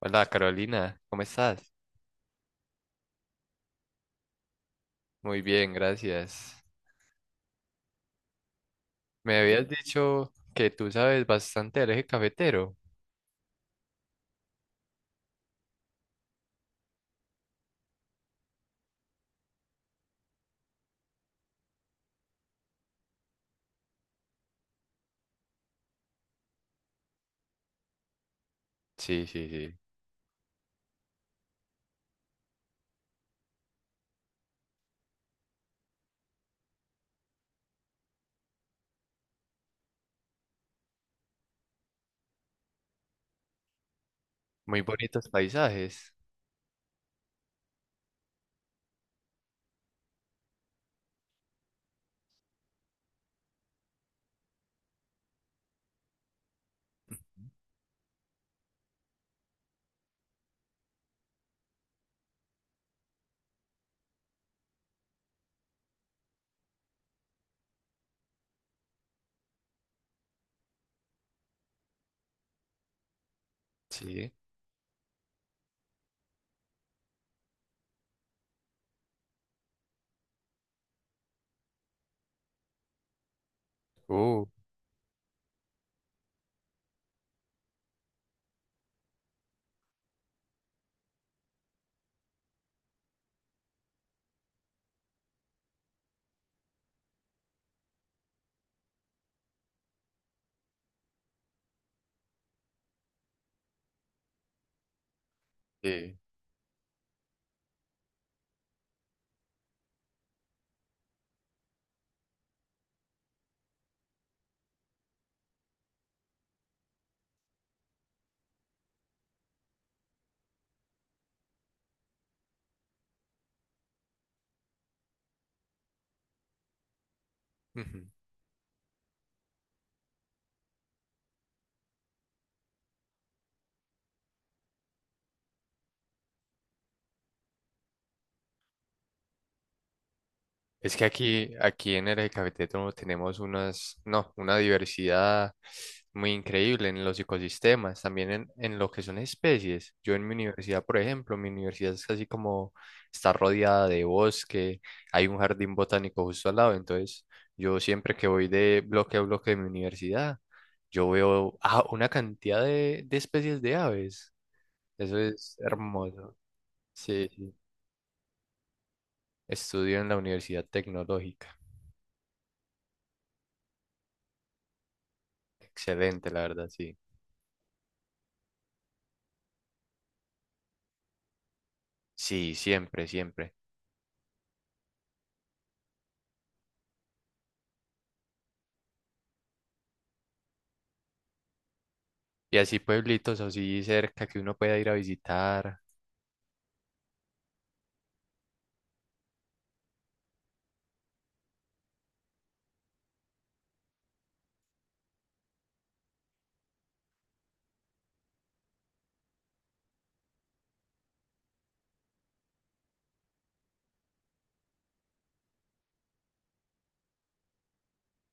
Hola Carolina, ¿cómo estás? Muy bien, gracias. Me habías dicho que tú sabes bastante del eje cafetero. Sí, sí, sí. Muy bonitos paisajes. Sí. Uh, sí. Es que aquí en el Cafetero tenemos unas, no, una diversidad muy increíble en los ecosistemas, también en lo que son especies. Yo en mi universidad, por ejemplo, mi universidad es casi como está rodeada de bosque, hay un jardín botánico justo al lado, entonces yo siempre que voy de bloque a bloque de mi universidad, yo veo ah, una cantidad de especies de aves. Eso es hermoso. Sí, sí. Estudio en la Universidad Tecnológica. Excelente, la verdad, sí. Sí, siempre, siempre. Y así pueblitos así cerca que uno pueda ir a visitar.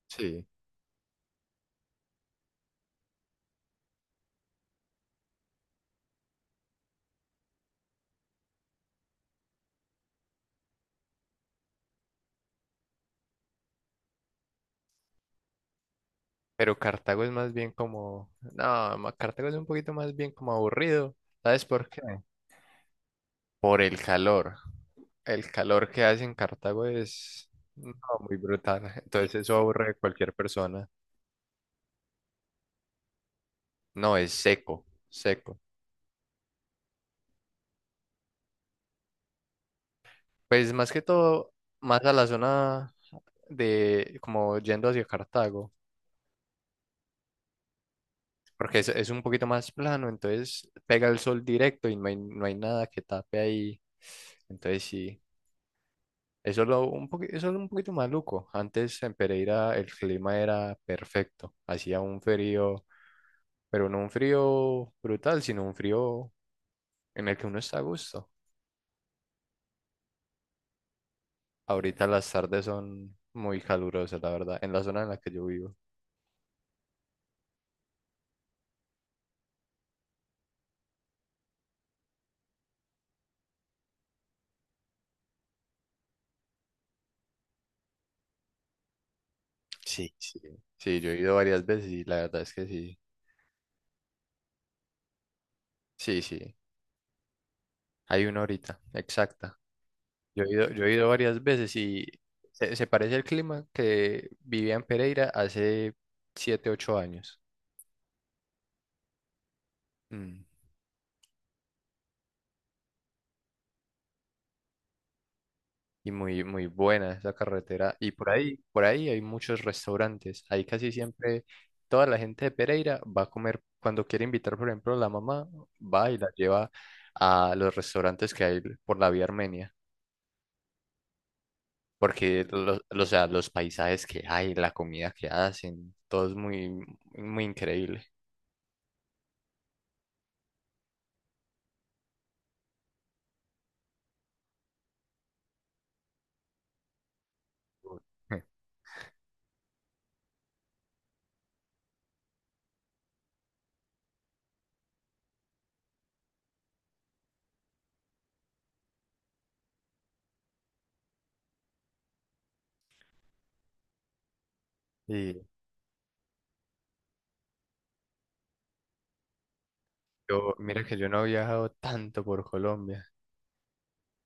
Sí. Pero Cartago es más bien como, no, Cartago es un poquito más bien como aburrido. ¿Sabes por qué? Por el calor. El calor que hace en Cartago es no, muy brutal. Entonces eso aburre a cualquier persona. No, es seco, seco. Pues más que todo, más a la zona de, como yendo hacia Cartago. Porque es un poquito más plano, entonces pega el sol directo y no hay, no hay nada que tape ahí. Entonces sí, eso es lo un poquito, eso es un poquito maluco. Antes en Pereira el clima era perfecto, hacía un frío, pero no un frío brutal, sino un frío en el que uno está a gusto. Ahorita las tardes son muy calurosas, la verdad, en la zona en la que yo vivo. Sí. Sí, sí, yo he ido varias veces y la verdad es que sí, sí, sí. Hay una horita exacta. Yo he ido varias veces y se parece al clima que vivía en Pereira hace 7 8 años. Mm. Y muy, muy buena esa carretera. Y por ahí hay muchos restaurantes. Ahí casi siempre toda la gente de Pereira va a comer. Cuando quiere invitar, por ejemplo, la mamá, va y la lleva a los restaurantes que hay por la vía Armenia. Porque los, o sea, los paisajes que hay, la comida que hacen, todo es muy, muy increíble. Y yo, mira que yo no he viajado tanto por Colombia.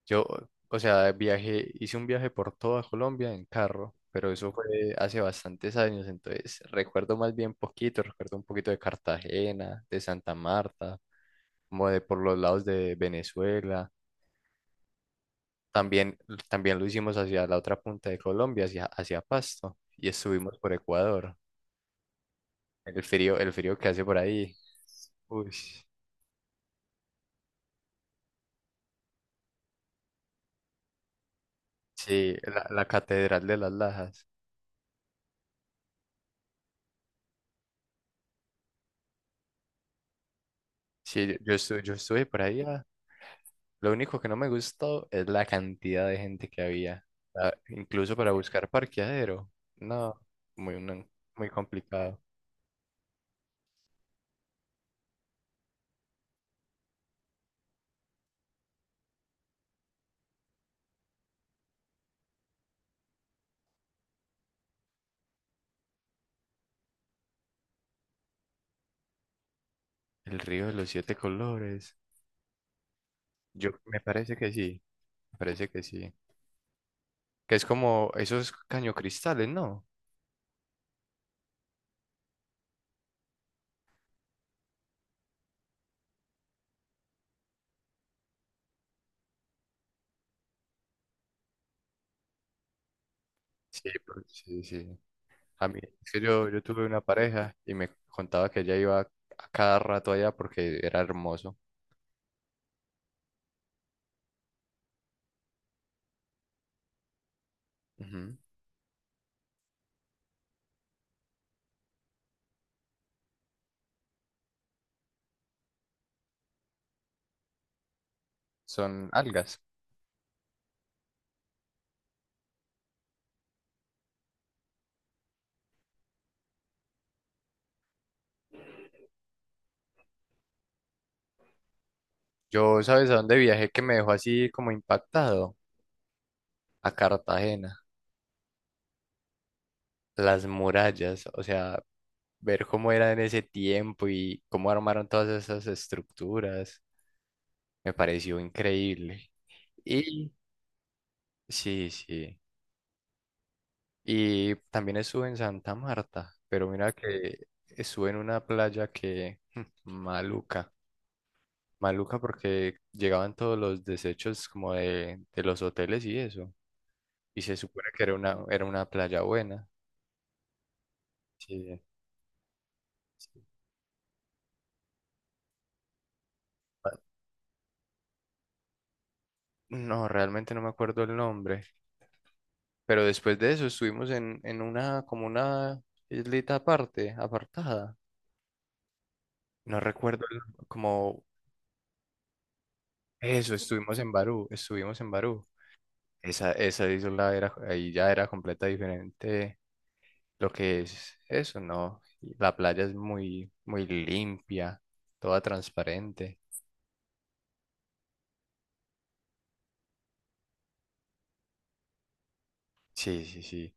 Yo, o sea, viajé, hice un viaje por toda Colombia en carro, pero eso fue hace bastantes años, entonces recuerdo más bien poquito, recuerdo un poquito de Cartagena, de Santa Marta, como de por los lados de Venezuela. También, también lo hicimos hacia la otra punta de Colombia, hacia, hacia Pasto, y estuvimos por Ecuador. El frío que hace por ahí. Uy, sí, la, la Catedral de las Lajas. Sí, yo, yo estuve por allá. Lo único que no me gustó es la cantidad de gente que había. Ah, incluso para buscar parqueadero. No, muy, no, muy complicado. El río de los siete colores. Yo, me parece que sí, me parece que sí. Que es como esos cañocristales, ¿no? Sí, pues, sí, sí. A mí, es que yo tuve una pareja y me contaba que ella iba a cada rato allá porque era hermoso. Ujú. Son algas. Yo, ¿sabes a dónde viajé que me dejó así como impactado? A Cartagena, las murallas, o sea, ver cómo era en ese tiempo y cómo armaron todas esas estructuras, me pareció increíble. Y sí, sí. Y también estuve en Santa Marta, pero mira que estuve en una playa que maluca, maluca porque llegaban todos los desechos como de los hoteles y eso. Y se supone que era una playa buena. Sí. No, realmente no me acuerdo el nombre, pero después de eso estuvimos en una, como una islita aparte, apartada. No recuerdo el- Como eso, estuvimos en Barú, estuvimos en Barú. Esa isla era, ahí ya era completa diferente lo que es eso, ¿no? Y la playa es muy, muy limpia, toda transparente. Sí, sí, sí.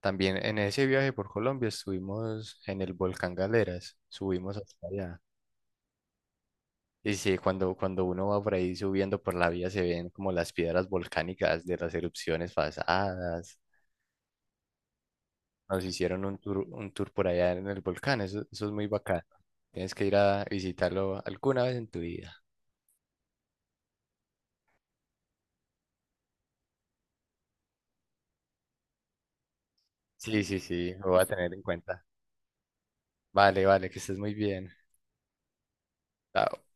También en ese viaje por Colombia estuvimos en el volcán Galeras, subimos hasta allá. Y sí, cuando, cuando uno va por ahí subiendo por la vía se ven como las piedras volcánicas de las erupciones pasadas. Nos hicieron un tour por allá en el volcán, eso es muy bacano. Tienes que ir a visitarlo alguna vez en tu vida. Sí, sí, sí, lo voy a tener en cuenta. Vale, vale, que estés muy bien. Chao.